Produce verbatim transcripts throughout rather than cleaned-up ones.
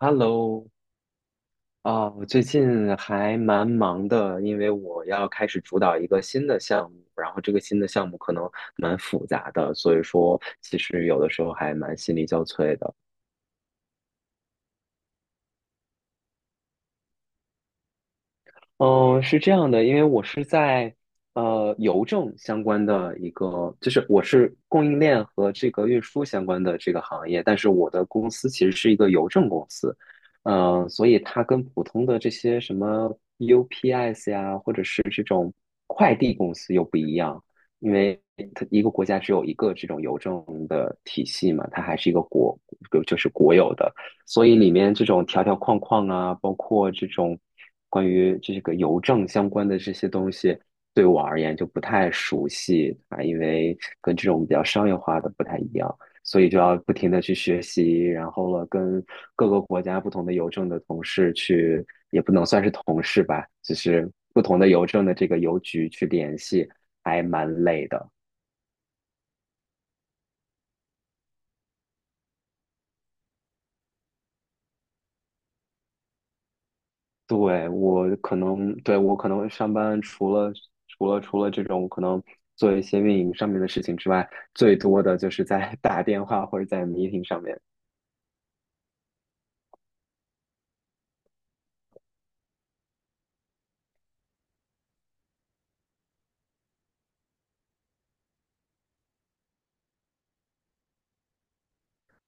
Hello，啊，我最近还蛮忙的，因为我要开始主导一个新的项目，然后这个新的项目可能蛮复杂的，所以说其实有的时候还蛮心力交瘁的。嗯，是这样的，因为我是在呃邮政相关的一个，就是我是供应链和这个运输相关的这个行业，但是我的公司其实是一个邮政公司，嗯、所以它跟普通的这些什么 U P S 呀，或者是这种快递公司又不一样，因为它一个国家只有一个这种邮政的体系嘛，它还是一个国，就是国有的。所以里面这种条条框框啊，包括这种关于这个邮政相关的这些东西，对我而言就不太熟悉啊，因为跟这种比较商业化的不太一样，所以就要不停的去学习，然后了跟各个国家不同的邮政的同事去，也不能算是同事吧，就是不同的邮政的这个邮局去联系，还蛮累的。对，我可能，对，我可能上班除了除了除了这种可能做一些运营上面的事情之外，最多的就是在 打电话或者在 meeting 上面。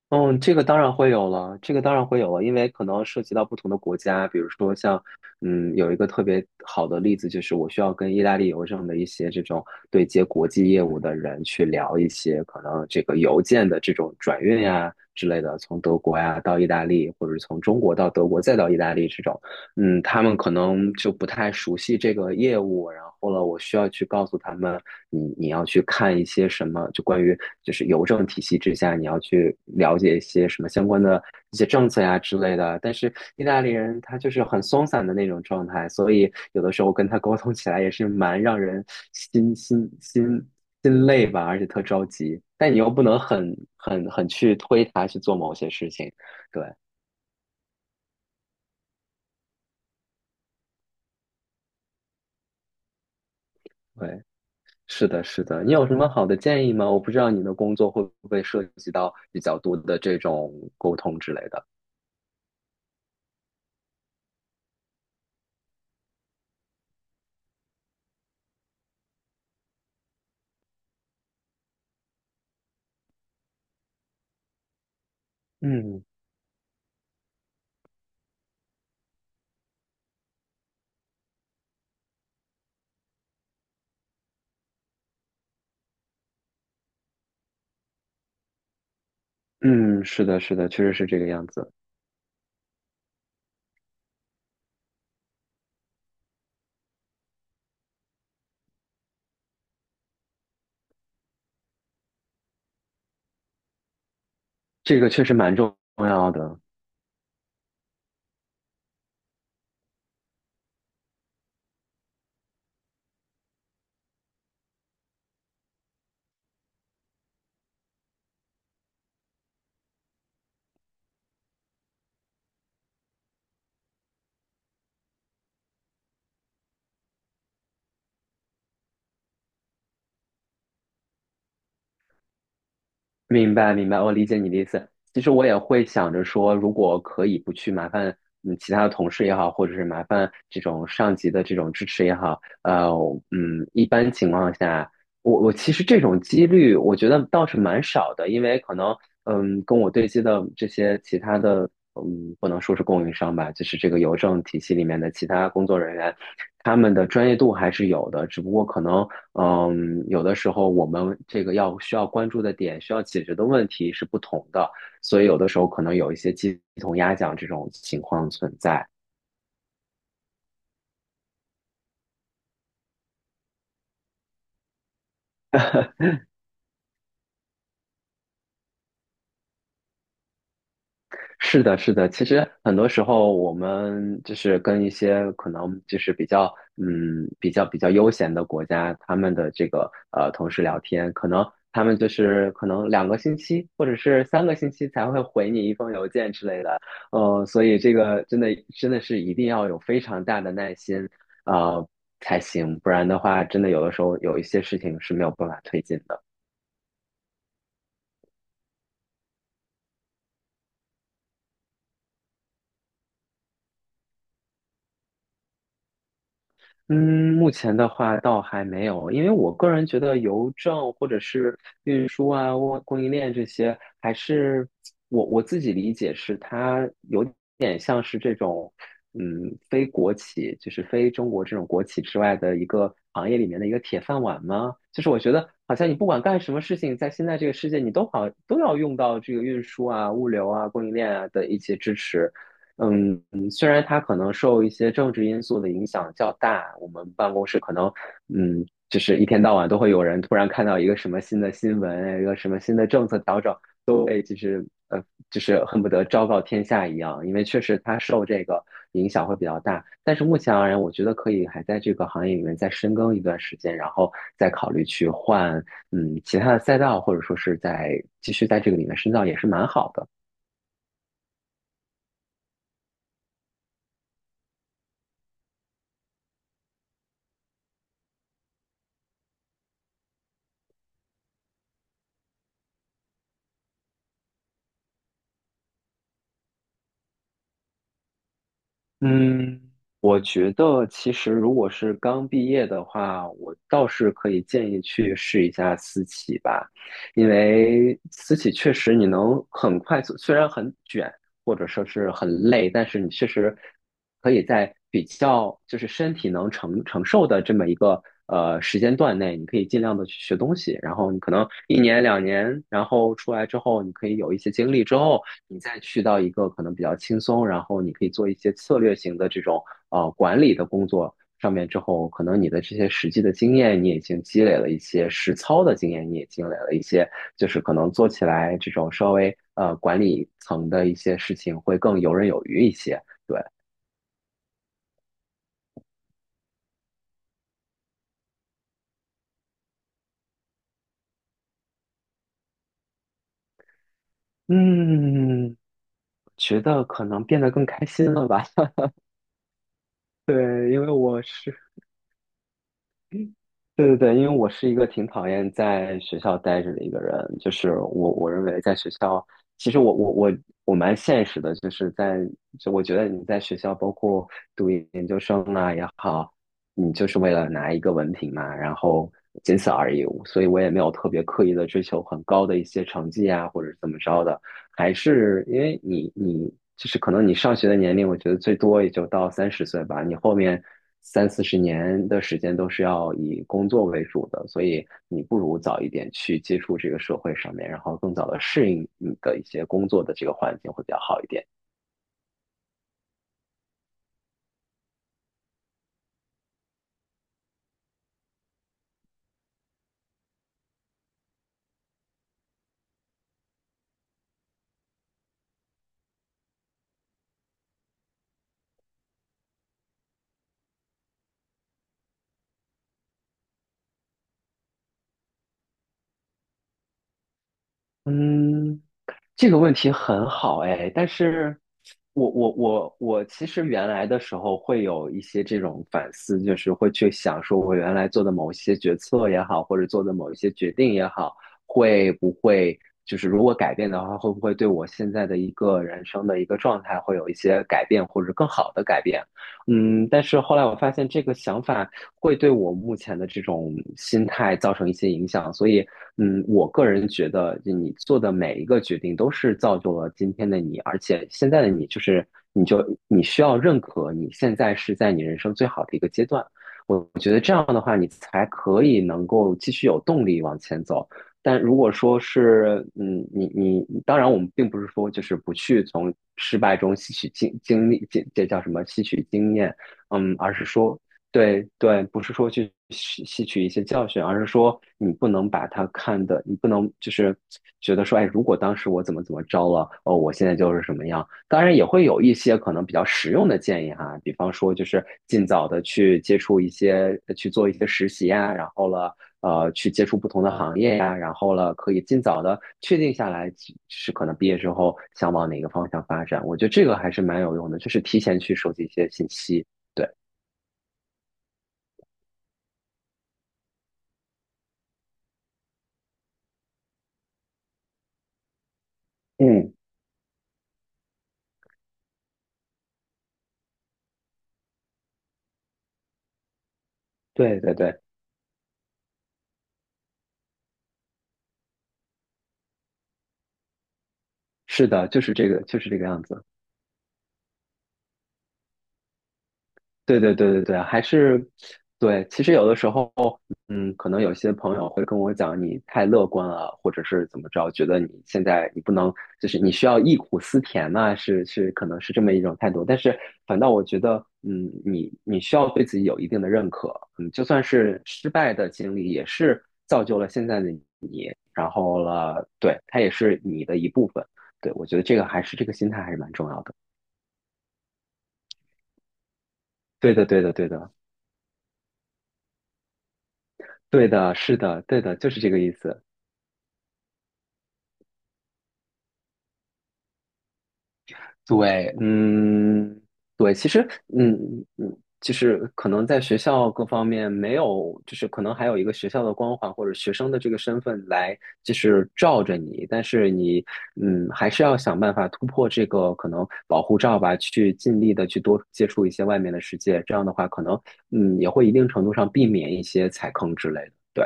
嗯，这个当然会有了，这个当然会有了，因为可能涉及到不同的国家，比如说像，嗯，有一个特别好的例子，就是我需要跟意大利邮政的一些这种对接国际业务的人去聊一些可能这个邮件的这种转运呀之类的，从德国呀到意大利，或者是从中国到德国再到意大利这种，嗯，他们可能就不太熟悉这个业务，然后了，我需要去告诉他们。你你要去看一些什么，就关于就是邮政体系之下，你要去了解一些什么相关的一些政策呀之类的。但是意大利人他就是很松散的那种状态，所以有的时候跟他沟通起来也是蛮让人心心心心累吧，而且特着急。但你又不能很很很去推他去做某些事情，对对。是的，是的，你有什么好的建议吗？我不知道你的工作会不会涉及到比较多的这种沟通之类的。嗯嗯，是的，是的，确实是这个样子，这个确实蛮重要的。明白，明白，我理解你的意思。其实我也会想着说，如果可以不去麻烦嗯其他的同事也好，或者是麻烦这种上级的这种支持也好，呃，嗯，一般情况下，我我其实这种几率我觉得倒是蛮少的，因为可能嗯跟我对接的这些其他的嗯不能说是供应商吧，就是这个邮政体系里面的其他工作人员，他们的专业度还是有的，只不过可能嗯，有的时候我们这个要需要关注的点、需要解决的问题是不同的，所以有的时候可能有一些鸡同鸭讲这种情况存在。是的，是的。其实很多时候，我们就是跟一些可能就是比较嗯比较比较悠闲的国家，他们的这个呃同事聊天，可能他们就是可能两个星期或者是三个星期才会回你一封邮件之类的。呃，所以这个真的真的是一定要有非常大的耐心啊，呃，才行，不然的话，真的有的时候有一些事情是没有办法推进的。嗯，目前的话倒还没有，因为我个人觉得邮政或者是运输啊、供供应链这些，还是我我自己理解是它有点像是这种，嗯，非国企，就是非中国这种国企之外的一个行业里面的一个铁饭碗吗？就是我觉得好像你不管干什么事情，在现在这个世界，你都好都要用到这个运输啊、物流啊、供应链啊的一些支持。嗯，虽然它可能受一些政治因素的影响较大，我们办公室可能，嗯，就是一天到晚都会有人突然看到一个什么新的新闻，一个什么新的政策调整，都会就是呃，就是恨不得昭告天下一样，因为确实它受这个影响会比较大。但是目前而言，我觉得可以还在这个行业里面再深耕一段时间，然后再考虑去换嗯其他的赛道，或者说是在继续在这个里面深造，也是蛮好的。嗯，我觉得其实如果是刚毕业的话，我倒是可以建议去试一下私企吧，因为私企确实你能很快速，虽然很卷，或者说是很累，但是你确实可以在比较就是身体能承承受的这么一个呃时间段内，你可以尽量的去学东西，然后你可能一年两年，然后出来之后，你可以有一些经历之后，你再去到一个可能比较轻松，然后你可以做一些策略型的这种呃管理的工作。上面之后，可能你的这些实际的经验你已经积累了一些，实操的经验你也积累了一些，就是可能做起来这种稍微呃管理层的一些事情会更游刃有余一些。对，嗯，觉得可能变得更开心了吧？对，因为我是。对对对，因为我是一个挺讨厌在学校待着的一个人，就是我我认为在学校，其实我我我我蛮现实的，就是在就我觉得你在学校，包括读研究生啊也好，你就是为了拿一个文凭嘛，然后仅此而已，所以我也没有特别刻意的追求很高的一些成绩啊，或者怎么着的。还是因为你你就是可能你上学的年龄，我觉得最多也就到三十岁吧。你后面三四十年的时间都是要以工作为主的，所以你不如早一点去接触这个社会上面，然后更早的适应你的一些工作的这个环境会比较好一点。嗯，这个问题很好哎，但是我我我我其实原来的时候会有一些这种反思，就是会去想说我原来做的某一些决策也好，或者做的某一些决定也好，会不会就是如果改变的话，会不会对我现在的一个人生的一个状态会有一些改变，或者更好的改变？嗯，但是后来我发现这个想法会对我目前的这种心态造成一些影响，所以嗯，我个人觉得，你做的每一个决定都是造就了今天的你，而且现在的你就是，你就你需要认可你现在是在你人生最好的一个阶段。我觉得这样的话，你才可以能够继续有动力往前走。但如果说是，嗯，你你，当然我们并不是说就是不去从失败中吸取经经历，这这叫什么？吸取经验，嗯，而是说对对，不是说去吸吸取一些教训，而是说你不能把它看的，你不能就是觉得说，哎，如果当时我怎么怎么着了，哦，我现在就是什么样。当然也会有一些可能比较实用的建议哈，比方说就是尽早的去接触一些，去做一些实习呀，然后了，呃，去接触不同的行业呀，然后了，可以尽早的确定下来是可能毕业之后想往哪个方向发展。我觉得这个还是蛮有用的，就是提前去收集一些信息。对，嗯。对对对，是的，就是这个，就是这个样子。对对对对对，还是对。其实有的时候，嗯，可能有些朋友会跟我讲，你太乐观了，或者是怎么着，觉得你现在你不能，就是你需要忆苦思甜呐、是是，可能是这么一种态度。但是反倒我觉得，嗯，你你需要对自己有一定的认可，嗯，就算是失败的经历，也是造就了现在的你，然后了，对，它也是你的一部分。对，我觉得这个还是这个心态还是蛮重要的。对的，对的，对的，对的，是的，对的，就是这个意思。对，嗯，对，其实，嗯嗯，就是可能在学校各方面没有，就是可能还有一个学校的光环或者学生的这个身份来，就是罩着你，但是你，嗯，还是要想办法突破这个可能保护罩吧，去尽力的去多接触一些外面的世界，这样的话，可能，嗯，也会一定程度上避免一些踩坑之类的。对，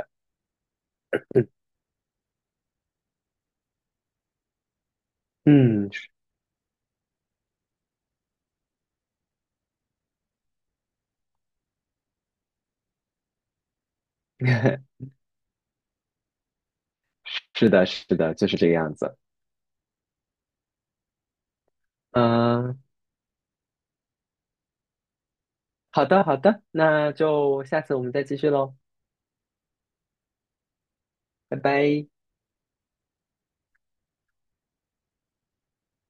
嗯，是 是的，是的，就是这个样子。嗯，好的好的，那就下次我们再继续喽，拜拜。